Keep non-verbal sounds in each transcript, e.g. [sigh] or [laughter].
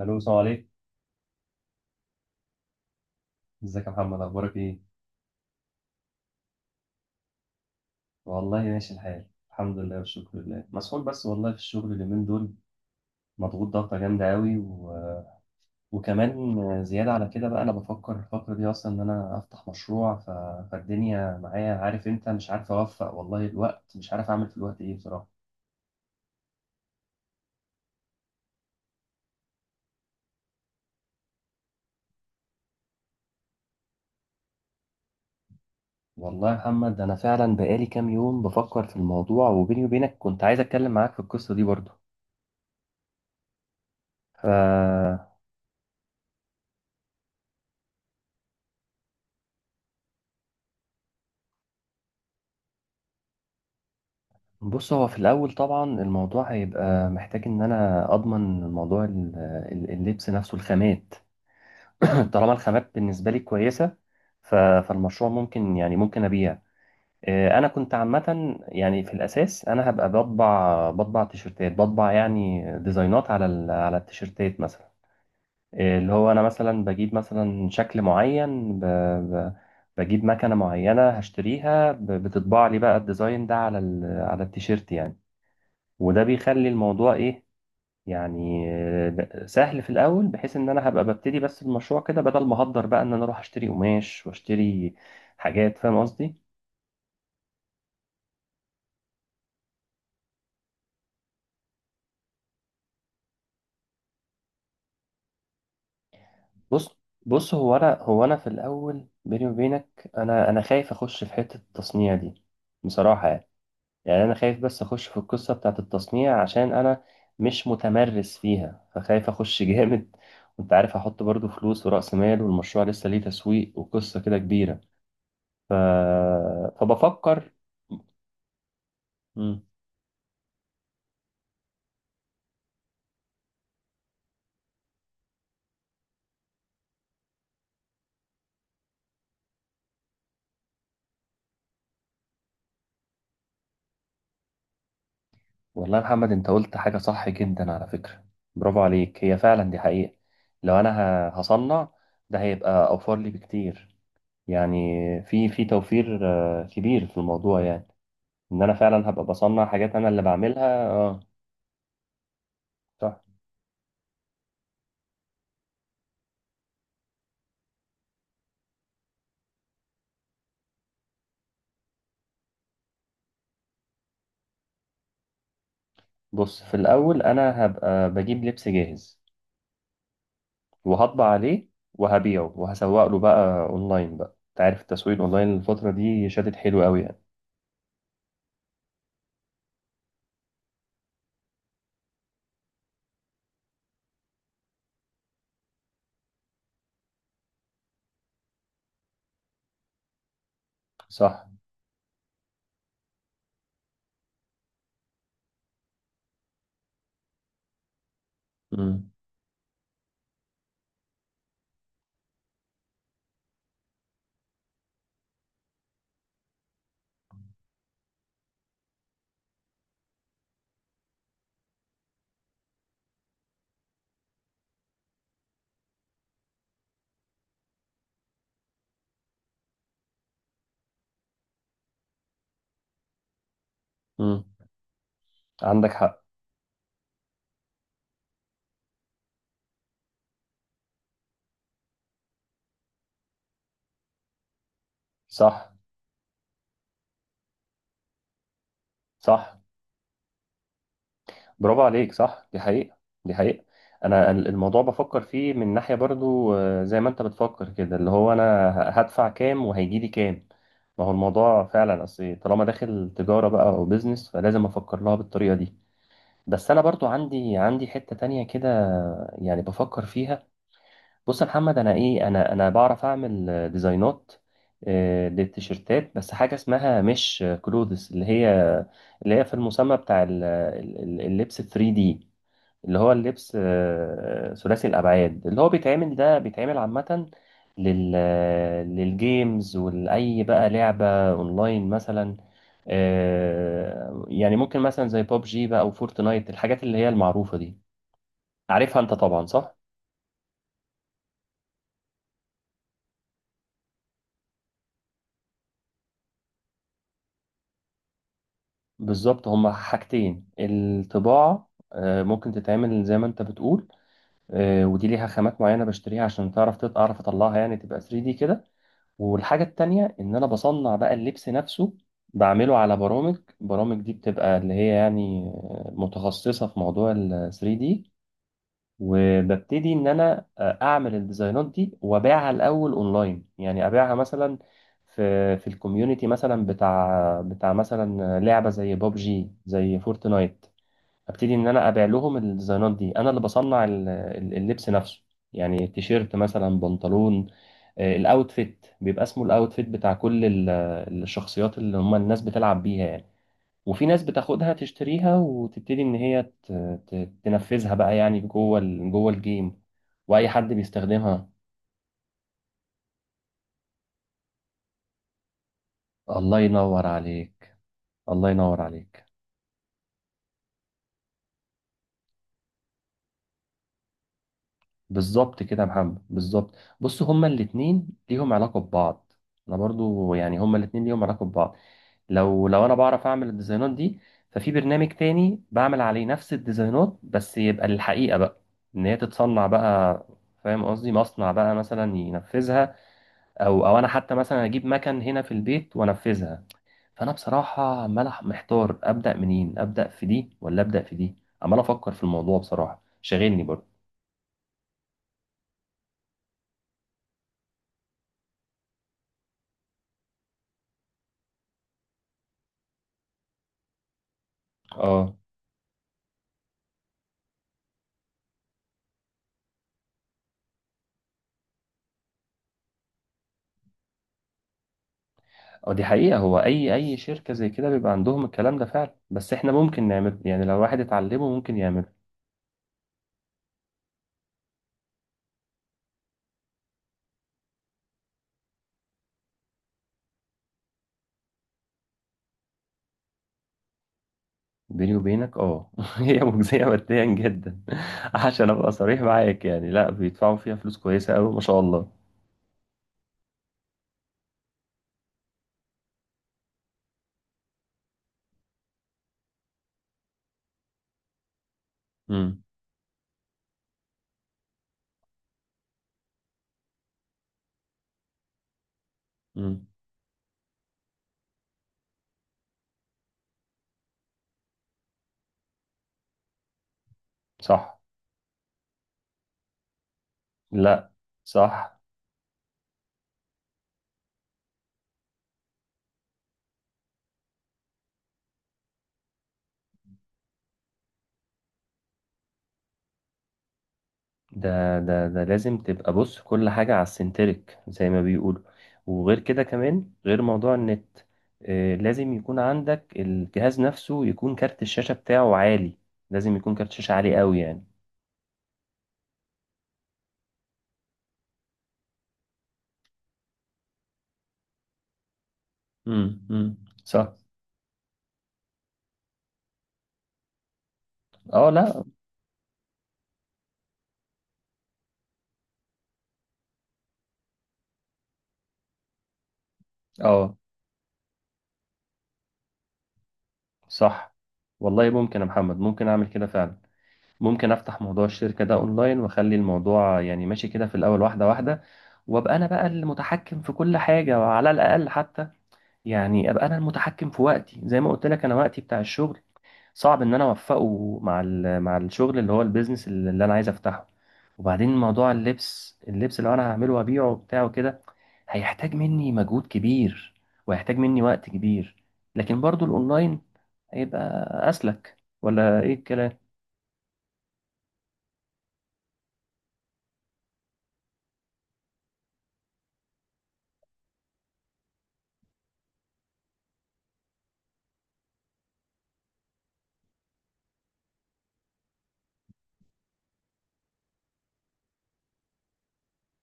الو، السلام عليكم. ازيك يا محمد، اخبارك ايه؟ والله ماشي الحال، الحمد لله والشكر لله، مسحول بس والله في الشغل اليومين دول، مضغوط ضغطه جامده قوي. وكمان زياده على كده بقى انا بفكر الفتره دي اصلا ان انا افتح مشروع. فالدنيا معايا، عارف انت، مش عارف اوفق والله، الوقت مش عارف اعمل في الوقت ايه بصراحه. والله يا محمد انا فعلا بقالي كام يوم بفكر في الموضوع، وبيني وبينك كنت عايز اتكلم معاك في القصه دي برضه ف بص، هو في الأول طبعا الموضوع هيبقى محتاج إن أنا أضمن موضوع اللبس نفسه، الخامات. [clears throat] طالما الخامات بالنسبة لي كويسة، فالمشروع ممكن، يعني ممكن أبيع. أنا كنت عامة يعني في الأساس أنا هبقى بطبع تيشرتات، بطبع يعني ديزاينات على على التيشرتات مثلا. اللي هو أنا مثلا بجيب مثلا شكل معين، بجيب مكنة معينة هشتريها، بتطبع لي بقى الديزاين ده على على التيشيرت يعني. وده بيخلي الموضوع ايه، يعني سهل في الاول، بحيث ان انا هبقى ببتدي بس المشروع كده، بدل ما هقدر بقى ان انا اروح اشتري قماش واشتري حاجات، فاهم قصدي. بص بص، هو انا في الاول بيني وبينك، انا خايف اخش في حتة التصنيع دي بصراحة، يعني يعني انا خايف بس اخش في القصة بتاعت التصنيع عشان انا مش متمرس فيها، فخايف اخش [laughs] جامد. وانت عارف، احط برضو فلوس ورأس مال والمشروع لسه ليه تسويق وقصة كده كبيرة ف... فبفكر. مم. والله يا محمد، انت قلت حاجة صح جدا على فكرة، برافو عليك، هي فعلا دي حقيقة. لو انا هصنع، ده هيبقى اوفر لي بكتير، يعني في توفير كبير في الموضوع، يعني ان انا فعلا هبقى بصنع حاجات انا اللي بعملها. اه، صح. بص، في الاول انا هبقى بجيب لبس جاهز وهطبع عليه وهبيعه، وهسوق له بقى اونلاين. بقى انت عارف، التسويق اونلاين الفترة دي شادد حلو قوي يعني. صح. امم، عندك حق. صح، صح. برافو عليك، صح، دي حقيقة، دي حقيقة. أنا الموضوع بفكر فيه من ناحية برضو، زي ما أنت بتفكر كده، اللي هو أنا هدفع كام وهيجي لي كام. ما هو الموضوع فعلا، أصل طالما داخل تجارة بقى أو بيزنس، فلازم أفكر لها بالطريقة دي. بس أنا برضو عندي حتة تانية كده يعني بفكر فيها. بص يا محمد، انا ايه، انا بعرف اعمل ديزاينات للتيشيرتات، بس حاجه اسمها مش كلوثس، اللي هي في المسمى بتاع اللبس 3 دي، اللي هو اللبس ثلاثي الابعاد اللي هو بيتعمل. ده بيتعمل عامه لل للجيمز، ولاي بقى لعبه اونلاين مثلا. يعني ممكن مثلا زي بوب جي بقى او فورتنايت، الحاجات اللي هي المعروفه دي، عارفها انت طبعا، صح. بالظبط، هما حاجتين: الطباعة ممكن تتعمل زي ما انت بتقول، ودي ليها خامات معينة بشتريها عشان تعرف اعرف اطلعها، يعني تبقى 3D كده. والحاجة التانية ان انا بصنع بقى اللبس نفسه، بعمله على برامج. برامج دي بتبقى اللي هي يعني متخصصة في موضوع ال 3D. وببتدي ان انا اعمل الديزاينات دي وابيعها الاول اونلاين. يعني ابيعها مثلا في الكوميونتي، مثلا بتاع مثلا لعبه زي بابجي، زي فورتنايت. ابتدي ان انا ابيع لهم الديزاينات دي، انا اللي بصنع اللبس نفسه، يعني تيشيرت مثلا، بنطلون. الاوتفيت بيبقى اسمه الاوتفيت بتاع كل الشخصيات اللي هم الناس بتلعب بيها يعني. وفي ناس بتاخدها تشتريها وتبتدي ان هي تنفذها بقى، يعني جوه جوه الجيم، واي حد بيستخدمها. الله ينور عليك، الله ينور عليك. بالظبط كده يا محمد، بالظبط. بص، هما الاتنين ليهم علاقة ببعض، انا برضو يعني هما الاتنين ليهم علاقة ببعض. لو انا بعرف اعمل الديزاينات دي، ففي برنامج تاني بعمل عليه نفس الديزاينات بس يبقى للحقيقة بقى، ان هي تتصنع بقى، فاهم قصدي، مصنع بقى مثلا ينفذها، او انا حتى مثلا اجيب مكن هنا في البيت وانفذها. فانا بصراحه عمال محتار ابدا منين، ابدا في دي ولا ابدا في دي، عمال افكر في الموضوع بصراحه، شاغلني برضه. اه. اه، دي حقيقه، هو اي شركه زي كده بيبقى عندهم الكلام ده فعلا، بس احنا ممكن نعمل، يعني لو واحد اتعلمه ممكن يعمله. بيني وبينك اه، [laughs] هي مجزيه ماديا جدا. [laughs] عشان ابقى صريح معاك يعني، لا، بيدفعوا فيها فلوس كويسه قوي، ما شاء الله. امم، امم. صح. لا، صح. ده لازم تبقى، بص، كل حاجة على السنتريك زي ما بيقولوا. وغير كده، كمان غير موضوع النت، لازم يكون عندك الجهاز نفسه، يكون كارت الشاشة بتاعه عالي، لازم يكون كارت شاشة عالي قوي يعني. امم، امم. صح. اه، لا، اه، صح. والله ممكن يا محمد، ممكن اعمل كده فعلا. ممكن افتح موضوع الشركة ده اونلاين، واخلي الموضوع يعني ماشي كده في الاول واحدة واحدة، وابقى انا بقى المتحكم في كل حاجة، وعلى الاقل حتى يعني ابقى انا المتحكم في وقتي. زي ما قلت لك، انا وقتي بتاع الشغل صعب ان انا اوفقه مع مع الشغل اللي هو البيزنس اللي انا عايز افتحه. وبعدين موضوع اللبس، اللبس اللي انا هعمله وابيعه بتاعه كده هيحتاج مني مجهود كبير، وهيحتاج مني وقت كبير. لكن برضو الاونلاين هيبقى اسلك، ولا ايه الكلام؟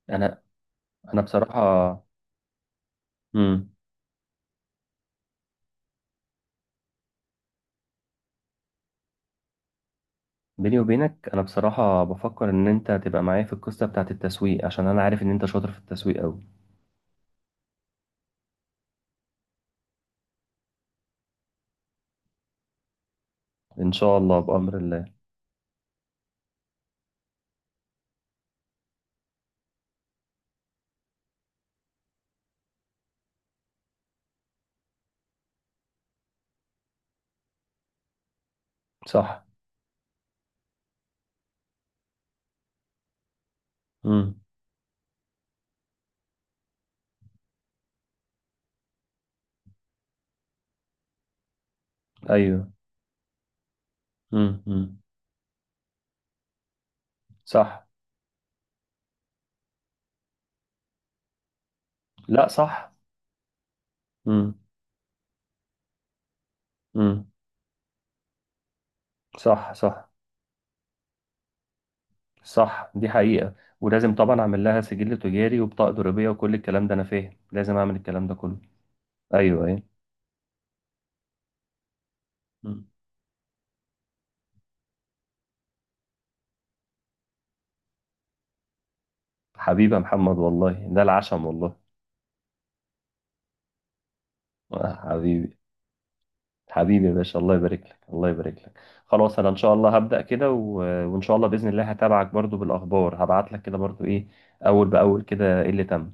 انا انا بصراحة، امم، بيني وبينك انا بصراحة بفكر ان انت تبقى معايا في القصة بتاعت التسويق، عشان انا عارف ان انت شاطر في التسويق قوي. ان شاء الله بأمر الله. صح. امم. ايوه. امم، امم. صح. لا، صح. امم، امم. صح، صح. صح، دي حقيقة. ولازم طبعا اعمل لها سجل تجاري وبطاقة ضريبية وكل الكلام ده، انا فاهم لازم اعمل الكلام ده كله. ايوه، ايوه. مم. حبيبي يا محمد، والله ده العشم والله. حبيبي، حبيبي يا باشا، الله يبارك لك، الله يبارك لك. خلاص، انا ان شاء الله هبدأ كده. وان شاء الله بإذن الله هتابعك برضو بالاخبار، هبعت لك كده برضو ايه اول باول كده، ايه اللي تم.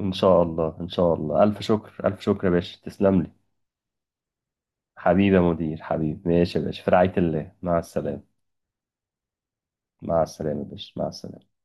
إن شاء الله، إن شاء الله. ألف شكر، ألف شكر يا باشا، تسلم لي. حبيبي يا مدير، حبيبي، ماشي يا باشا، في رعاية الله، مع السلامة. مع السلامة يا باشا، مع السلامة.